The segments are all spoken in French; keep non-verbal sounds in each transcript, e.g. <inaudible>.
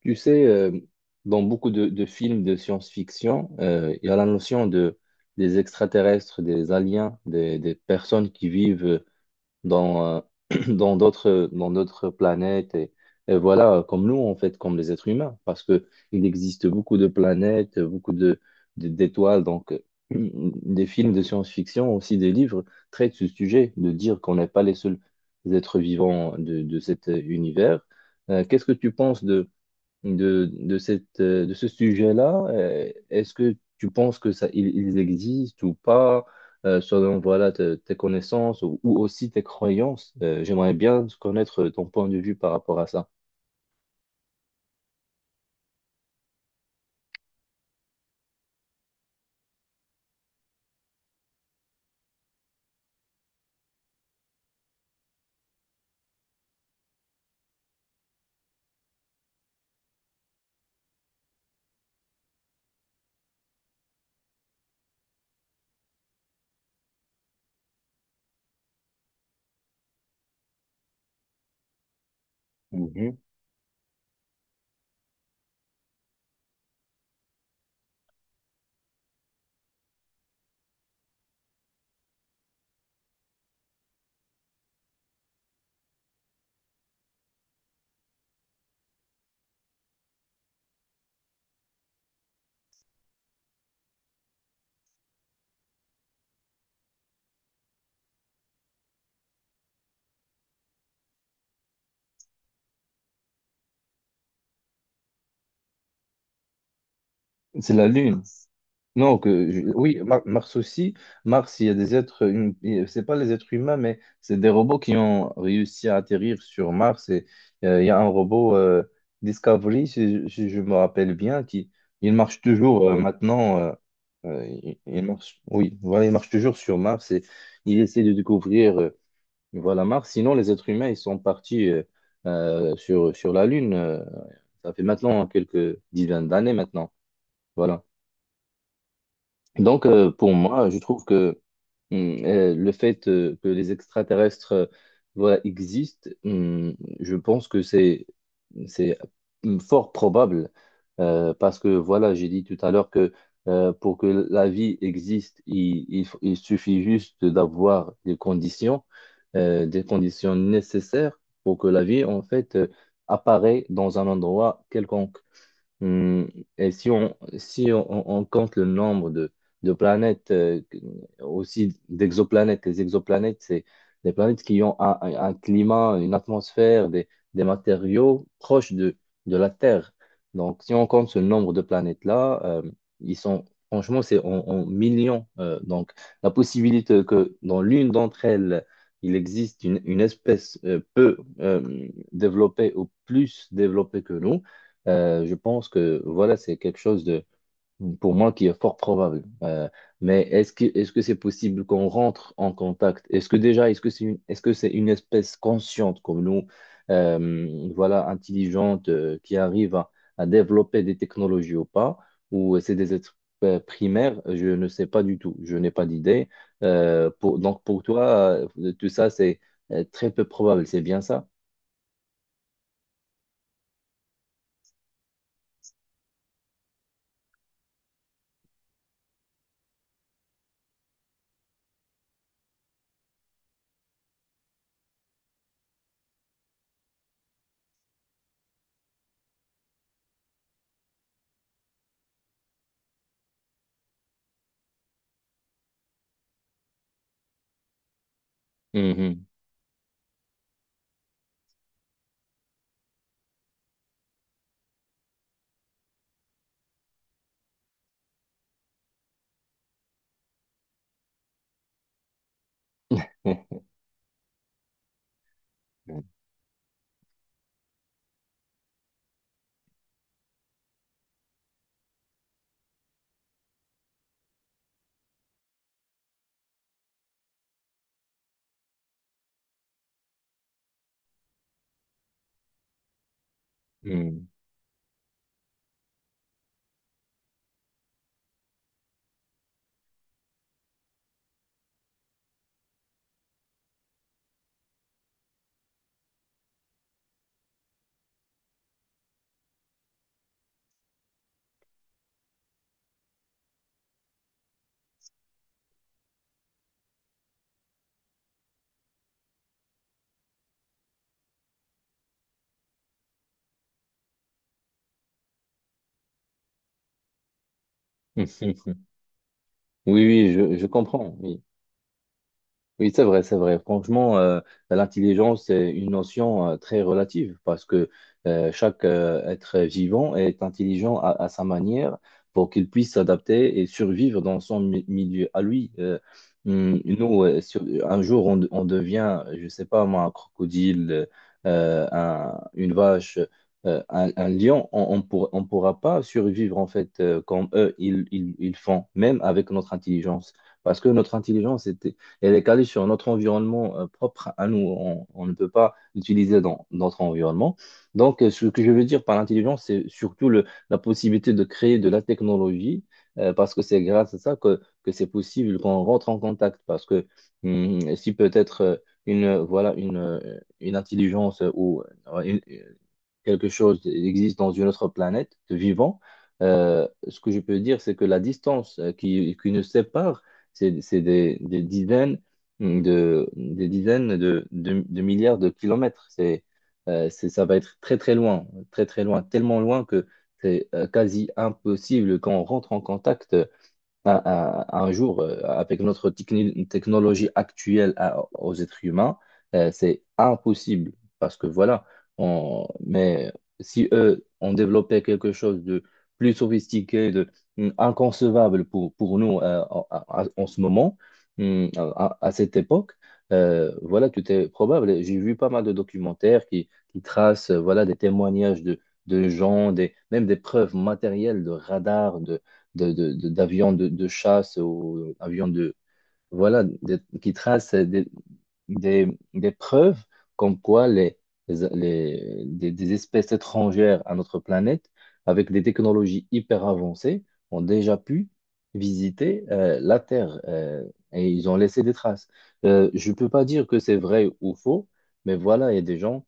Tu sais, euh, dans beaucoup de films de science-fiction, il y a la notion de, des extraterrestres, des aliens, des personnes qui vivent dans, euh, <clears throat> dans d'autres planètes. Et voilà, comme nous, en fait, comme les êtres humains, parce que il existe beaucoup de planètes, d'étoiles. Donc, <clears throat> des films de science-fiction, aussi des livres, traitent ce sujet, de dire qu'on n'est pas les seuls êtres vivants de cet univers. Qu'est-ce que tu penses de cette, de ce sujet-là. Est-ce que tu penses que ça, ils existent ou pas, selon voilà, tes connaissances ou aussi tes croyances? J'aimerais bien connaître ton point de vue par rapport à ça. Mhm. C'est la Lune. Non, oui, Mars aussi. Mars, il y a des êtres, et c'est pas les êtres humains, mais c'est des robots qui ont réussi à atterrir sur Mars. Et il y a un robot Discovery, si je me rappelle bien, qui il marche toujours maintenant. Il marche, oui, voilà, il marche toujours sur Mars et il essaie de découvrir voilà Mars. Sinon, les êtres humains, ils sont partis sur la Lune. Ça fait maintenant quelques dizaines d'années maintenant. Voilà. Donc, pour moi, je trouve que le fait que les extraterrestres voilà, existent, je pense que c'est fort probable parce que voilà, j'ai dit tout à l'heure que pour que la vie existe, il suffit juste d'avoir des conditions nécessaires pour que la vie en fait apparaît dans un endroit quelconque. Hum, Et si on compte le nombre de planètes, aussi d'exoplanètes, les exoplanètes, c'est des planètes qui ont un climat, une atmosphère, des matériaux proches de la Terre. Donc, si on compte ce nombre de planètes-là, ils sont, franchement, c'est en millions. Donc, la possibilité que dans l'une d'entre elles, il existe une espèce peu développée ou plus développée que nous, je pense que voilà, c'est quelque chose de, pour moi, qui est fort probable. Mais est-ce que c'est possible qu'on rentre en contact? Est-ce que déjà, est-ce que c'est une espèce consciente comme nous, voilà, intelligente, qui arrive à développer des technologies ou pas? Ou c'est des êtres primaires? Je ne sais pas du tout. Je n'ai pas d'idée. Pour, donc pour toi, tout ça, c'est très peu probable. C'est bien ça? Mhm. Mhm. Mhm. <laughs> Oui, je comprends. Oui. Oui, c'est vrai, c'est vrai. Franchement, l'intelligence est une notion très relative parce que chaque être vivant est intelligent à sa manière pour qu'il puisse s'adapter et survivre dans son milieu à lui. Nous, un jour, on devient, je sais pas moi, un crocodile, une vache, un lion. On pourra pas survivre en fait comme eux, ils font, même avec notre intelligence parce que notre intelligence et elle est calée sur notre environnement propre à nous. On ne peut pas l'utiliser dans notre environnement. Donc, ce que je veux dire par l'intelligence, c'est surtout la possibilité de créer de la technologie, parce que c'est grâce à ça que c'est possible qu'on rentre en contact. Parce que si peut-être une, euh, voilà, une, euh, une intelligence ou quelque chose existe dans une autre planète vivant, ce que je peux dire, c'est que la distance qui nous sépare, c'est des, des dizaines de milliards de kilomètres. Ça va être très très loin, tellement loin que c'est quasi impossible quand on rentre en contact un jour, avec notre technologie actuelle aux êtres humains, c'est impossible parce que voilà, on, mais si eux ont développé quelque chose de plus sophistiqué, de inconcevable pour nous en ce moment, à cette époque, voilà, tout est probable. J'ai vu pas mal de documentaires qui tracent voilà, des témoignages de gens, des, même des preuves matérielles de radars, d'avions de chasse ou avions de, voilà, de- qui tracent des, des preuves comme quoi des espèces étrangères à notre planète, avec des technologies hyper avancées, ont déjà pu visiter la Terre et ils ont laissé des traces. Je ne peux pas dire que c'est vrai ou faux, mais voilà, il y a des gens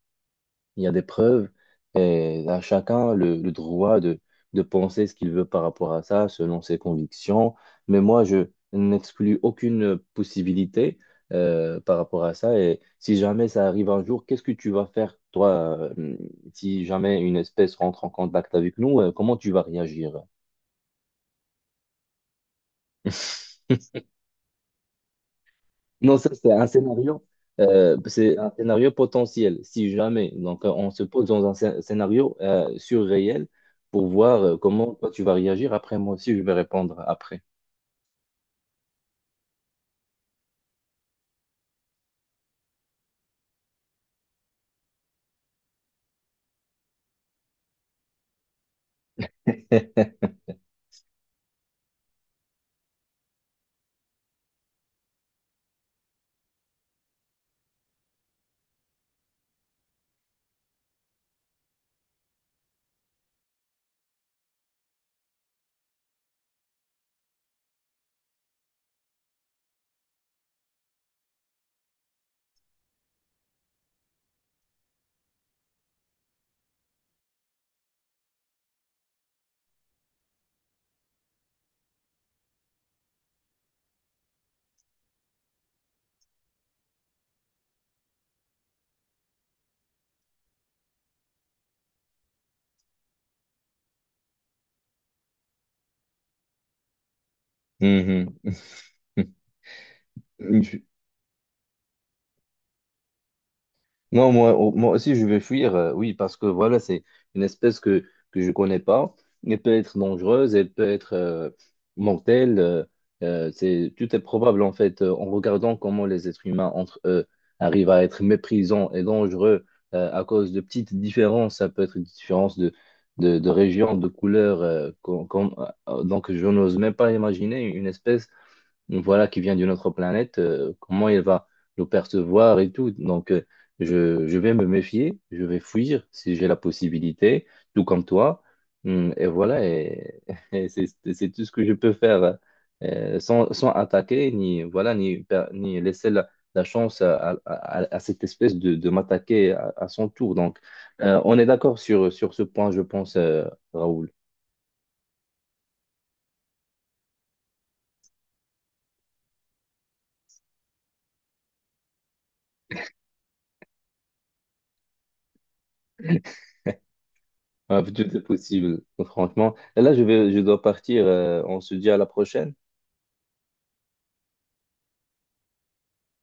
il y a des preuves et à chacun le droit de penser ce qu'il veut par rapport à ça, selon ses convictions. Mais moi, je n'exclus aucune possibilité par rapport à ça. Et si jamais ça arrive un jour, qu'est-ce que tu vas faire, toi, si jamais une espèce rentre en contact avec nous, comment tu vas réagir? <laughs> Non, ça, c'est un scénario potentiel, si jamais. Donc, on se pose dans un scénario surréel pour voir comment toi tu vas réagir. Après, moi aussi, je vais répondre après. <laughs> Mhm. <laughs> Moi aussi, je vais fuir, oui, parce que voilà, c'est une espèce que je connais pas. Elle peut être dangereuse, elle peut être mortelle. C'est, tout est probable, en fait, en regardant comment les êtres humains entre eux arrivent à être méprisants et dangereux à cause de petites différences. Ça peut être une différence de région, de couleur. Donc, je n'ose même pas imaginer une espèce voilà, qui vient d'une autre planète, comment il va le percevoir et tout. Donc, je vais me méfier, je vais fuir si j'ai la possibilité, tout comme toi. Et voilà, et, <laughs> et c'est c'est tout ce que je peux faire sans, sans attaquer, ni, voilà, ni laisser la, la chance à cette espèce de m'attaquer à son tour. Donc, on est d'accord sur ce point, je pense, Raoul. <clears throat> Ah, tout est possible, franchement. Et là, je dois partir. On se dit à la prochaine.